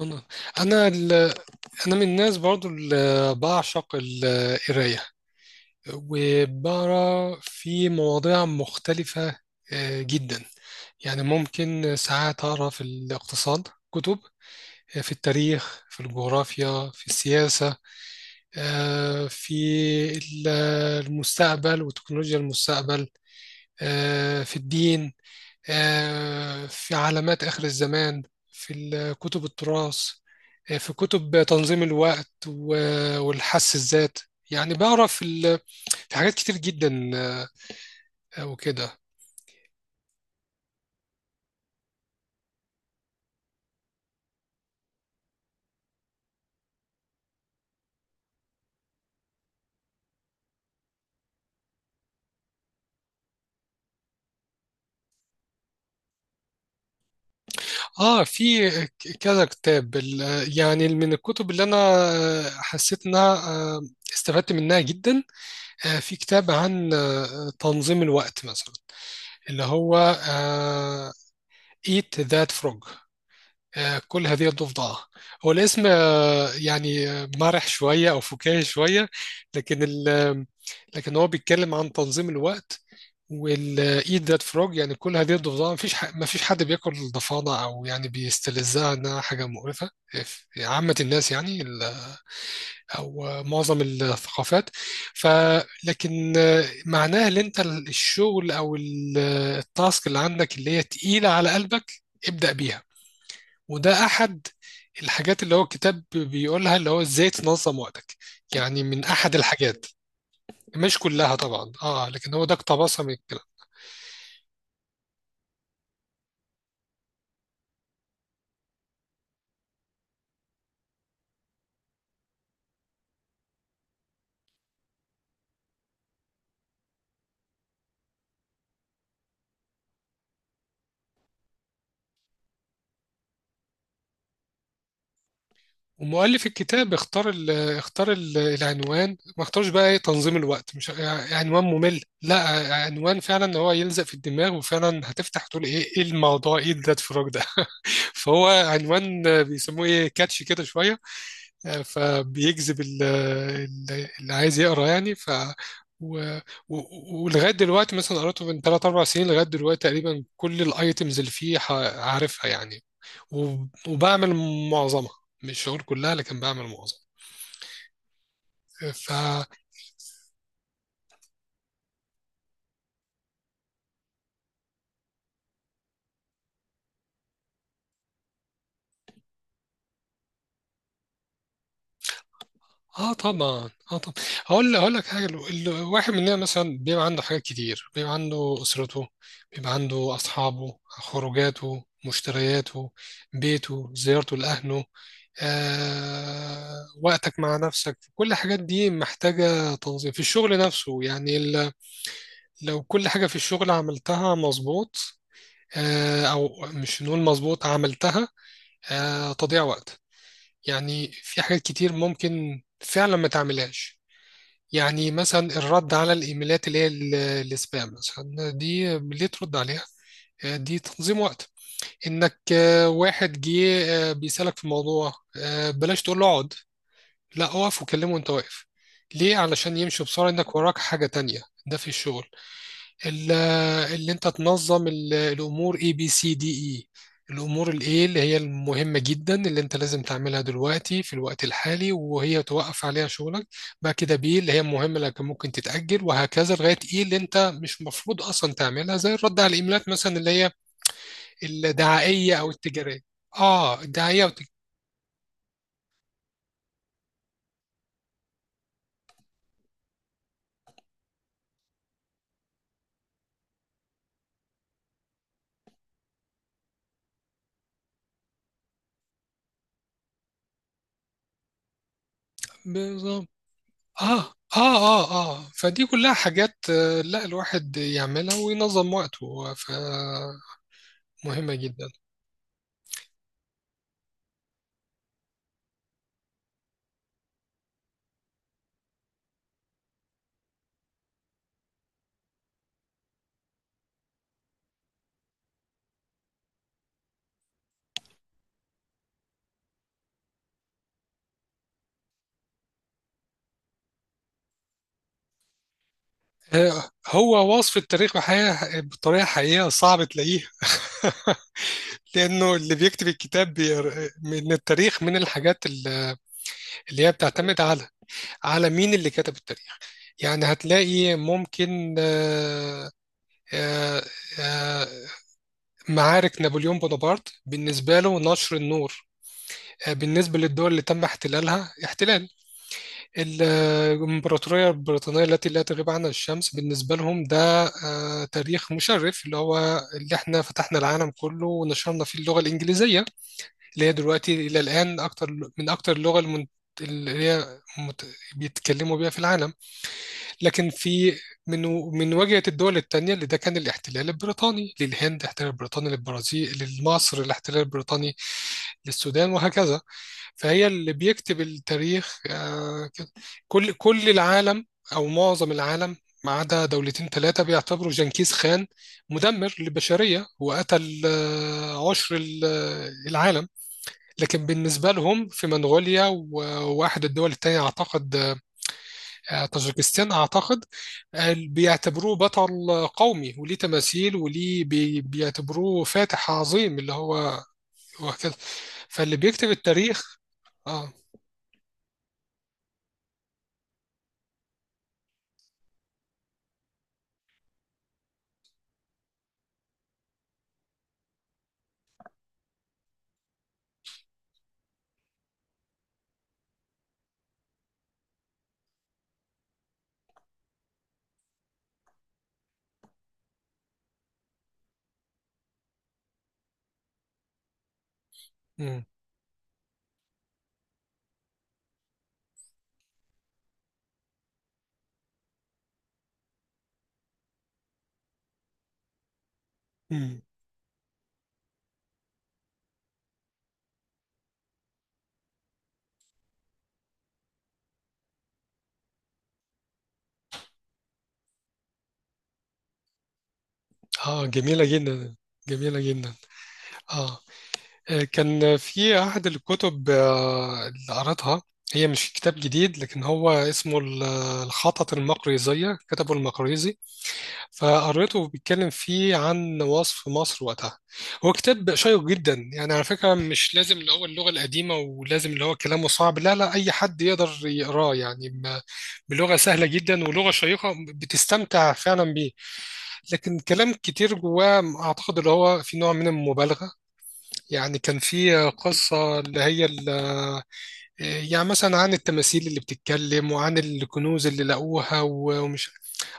انا انا ال... انا من الناس برضو اللي بعشق القرايه، وبقرا في مواضيع مختلفه جدا. يعني ممكن ساعات اقرا في الاقتصاد، كتب، في التاريخ، في الجغرافيا، في السياسه، في ال- المستقبل وتكنولوجيا المستقبل، في الدين، في علامات آخر الزمان، في كتب التراث، في كتب تنظيم الوقت و- والحس الذات. يعني بعرف ال- في حاجات كتير جدا وكده. اه، في كذا كتاب، يعني من الكتب اللي انا حسيت انها استفدت منها جدا. في كتاب عن تنظيم الوقت مثلا، اللي هو آه، Eat That Frog. كل هذه الضفدعة هو الاسم. يعني مرح شوية أو فكاهي شوية، لكن ال لكن هو بيتكلم عن تنظيم الوقت. والإيد ذات فروج يعني كل هذه الضفدعة، مفيش مفيش حد بياكل الضفادع أو يعني بيستلذها، إنها حاجة مقرفة في عامة الناس، أو معظم الثقافات. ف لكن معناها إن أنت الشغل أو التاسك اللي عندك اللي هي تقيلة على قلبك، ابدأ بيها. وده احد الحاجات اللي هو الكتاب بيقولها، اللي هو ازاي تنظم وقتك، يعني من احد الحاجات. مش كلها طبعا، اه، لكن هو ده اقتبسها من الكلام. ومؤلف الكتاب اختار ال العنوان، ما اختارش بقى ايه، تنظيم الوقت، مش عنوان ممل، لا، عنوان فعلا هو يلزق في الدماغ، وفعلا هتفتح تقول ايه، ايه الموضوع، ايه ده الفراغ ده؟ فهو عنوان بيسموه ايه، كاتشي كده شويه، فبيجذب اللي عايز يقرا يعني. ف و... و... ولغايه دلوقتي مثلا، قراته من 3 4 سنين، لغايه دلوقتي تقريبا كل الايتمز اللي فيه عارفها يعني. و... وبعمل معظمها، مش هقول كلها، لكن بعمل معظمها. ف اه طبعا، اه طبعا. هقول لك حاجه، الواحد مننا مثلا بيبقى عنده حاجات كتير، بيبقى عنده اسرته، بيبقى عنده اصحابه، خروجاته، مشترياته، بيته، زيارته لاهله، وقتك مع نفسك. كل الحاجات دي محتاجة تنظيم. في الشغل نفسه يعني لو كل حاجة في الشغل عملتها مظبوط، أو مش نقول مظبوط، عملتها تضييع وقت. يعني في حاجات كتير ممكن فعلا ما تعملهاش، يعني مثلا الرد على الإيميلات اللي هي السبام مثلا، دي ليه ترد عليها؟ دي تنظيم وقت، إنك واحد جه بيسألك في موضوع، بلاش تقول له اقعد، لا، اقف وكلمه وانت واقف، ليه؟ علشان يمشي بسرعة، انك وراك حاجة تانية. ده في الشغل، ال- اللي انت تنظم الامور، A B C D، اي الامور الايه اللي هي المهمة جدا اللي انت لازم تعملها دلوقتي في الوقت الحالي وهي توقف عليها شغلك، بعد كده بي اللي هي المهمة اللي كان ممكن تتأجل، وهكذا لغاية ايه اللي انت مش مفروض اصلا تعملها، زي الرد على الايميلات مثلا اللي هي الدعائية او التجارية. اه، الدعائية والتجارية. اه، اه، اه، اه، فدي كلها حاجات لا الواحد يعملها وينظم وقته، فمهمة جدا. هو وصف التاريخ بحقيقة، بطريقة حقيقية، صعب تلاقيها. لأنه اللي بيكتب الكتاب من التاريخ، من الحاجات اللي هي بتعتمد على مين اللي كتب التاريخ. يعني هتلاقي ممكن آه، آه، معارك نابليون بونابرت بالنسبة له نشر النور، بالنسبة للدول اللي تم احتلالها، احتلال الإمبراطورية البريطانية التي لا تغيب عنها الشمس، بالنسبة لهم ده تاريخ مشرف، اللي هو اللي احنا فتحنا العالم كله ونشرنا فيه اللغة الإنجليزية اللي هي دلوقتي إلى الآن أكتر من أكتر اللغة اللي هي بيتكلموا بيها في العالم. لكن في من من واجهة الدول التانية، اللي ده كان الاحتلال البريطاني للهند، احتلال بريطاني للبرازيل، لمصر، الاحتلال البريطاني للسودان، وهكذا. فهي اللي بيكتب التاريخ كده. كل العالم، او معظم العالم، ما عدا دولتين ثلاثه، بيعتبروا جنكيز خان مدمر للبشريه وقتل عشر العالم، لكن بالنسبه لهم في منغوليا، وواحد الدول التانية اعتقد طاجيكستان اعتقد، بيعتبروه بطل قومي، وليه تماثيل، وليه بيعتبروه فاتح عظيم، اللي هو هو كده، فاللي بيكتب التاريخ. اه. مم. اه، جميلة جدا، جميلة جدا. اه، كان في أحد الكتب اللي قرأتها، هي مش كتاب جديد، لكن هو اسمه الخطط المقريزية، كتبه المقريزي. فقريته بيتكلم فيه عن وصف مصر وقتها. هو كتاب شيق جدا، يعني على فكرة مش لازم اللي هو اللغة القديمة، ولازم اللي هو كلامه صعب، لا لا، أي حد يقدر يقراه يعني، بلغة سهلة جدا ولغة شيقة، بتستمتع فعلا بيه. لكن كلام كتير جواه اعتقد اللي هو في نوع من المبالغه، يعني كان في قصه اللي هي يعني مثلا عن التماثيل اللي بتتكلم، وعن الكنوز اللي لقوها، و- ومش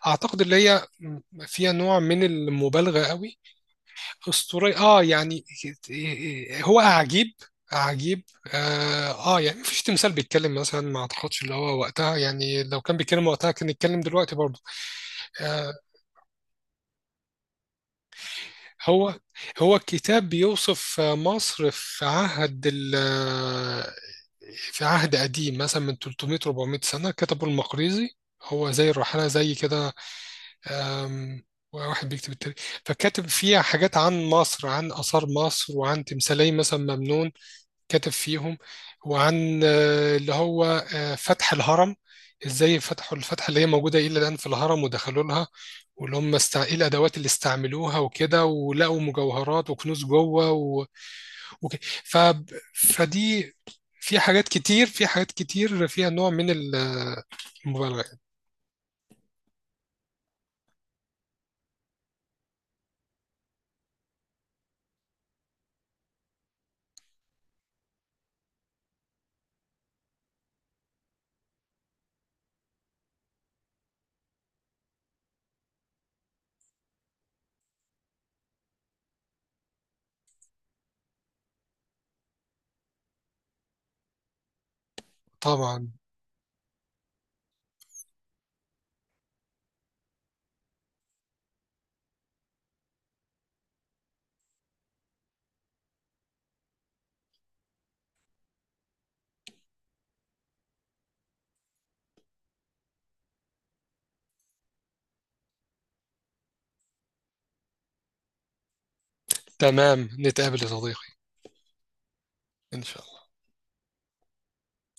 اعتقد اللي هي فيها نوع من المبالغه قوي. اسطوري، اه يعني، هو اعجيب عجيب اه. يعني مفيش تمثال بيتكلم مثلا، ما اعتقدش اللي هو وقتها، يعني لو كان بيتكلم وقتها كان يتكلم دلوقتي برضه. آه، هو هو الكتاب بيوصف مصر في عهد قديم مثلا من 300 400 سنة، كتبه المقريزي، هو زي الرحالة زي كده. أم، واحد بيكتب التاريخ، فكاتب فيها حاجات عن مصر، عن آثار مصر، وعن تمثالية مثلا ممنون كتب فيهم، وعن اللي هو فتح الهرم، ازاي فتحوا الفتحة اللي هي موجودة إلى الآن في الهرم ودخلوا لها، واللي هم ايه الأدوات اللي استعملوها وكده، ولقوا مجوهرات وكنوز جوه و... وك... ف... فدي، في حاجات كتير، في حاجات كتير فيها نوع من المبالغة. طبعا. تمام، نتقابل يا صديقي، إن شاء الله.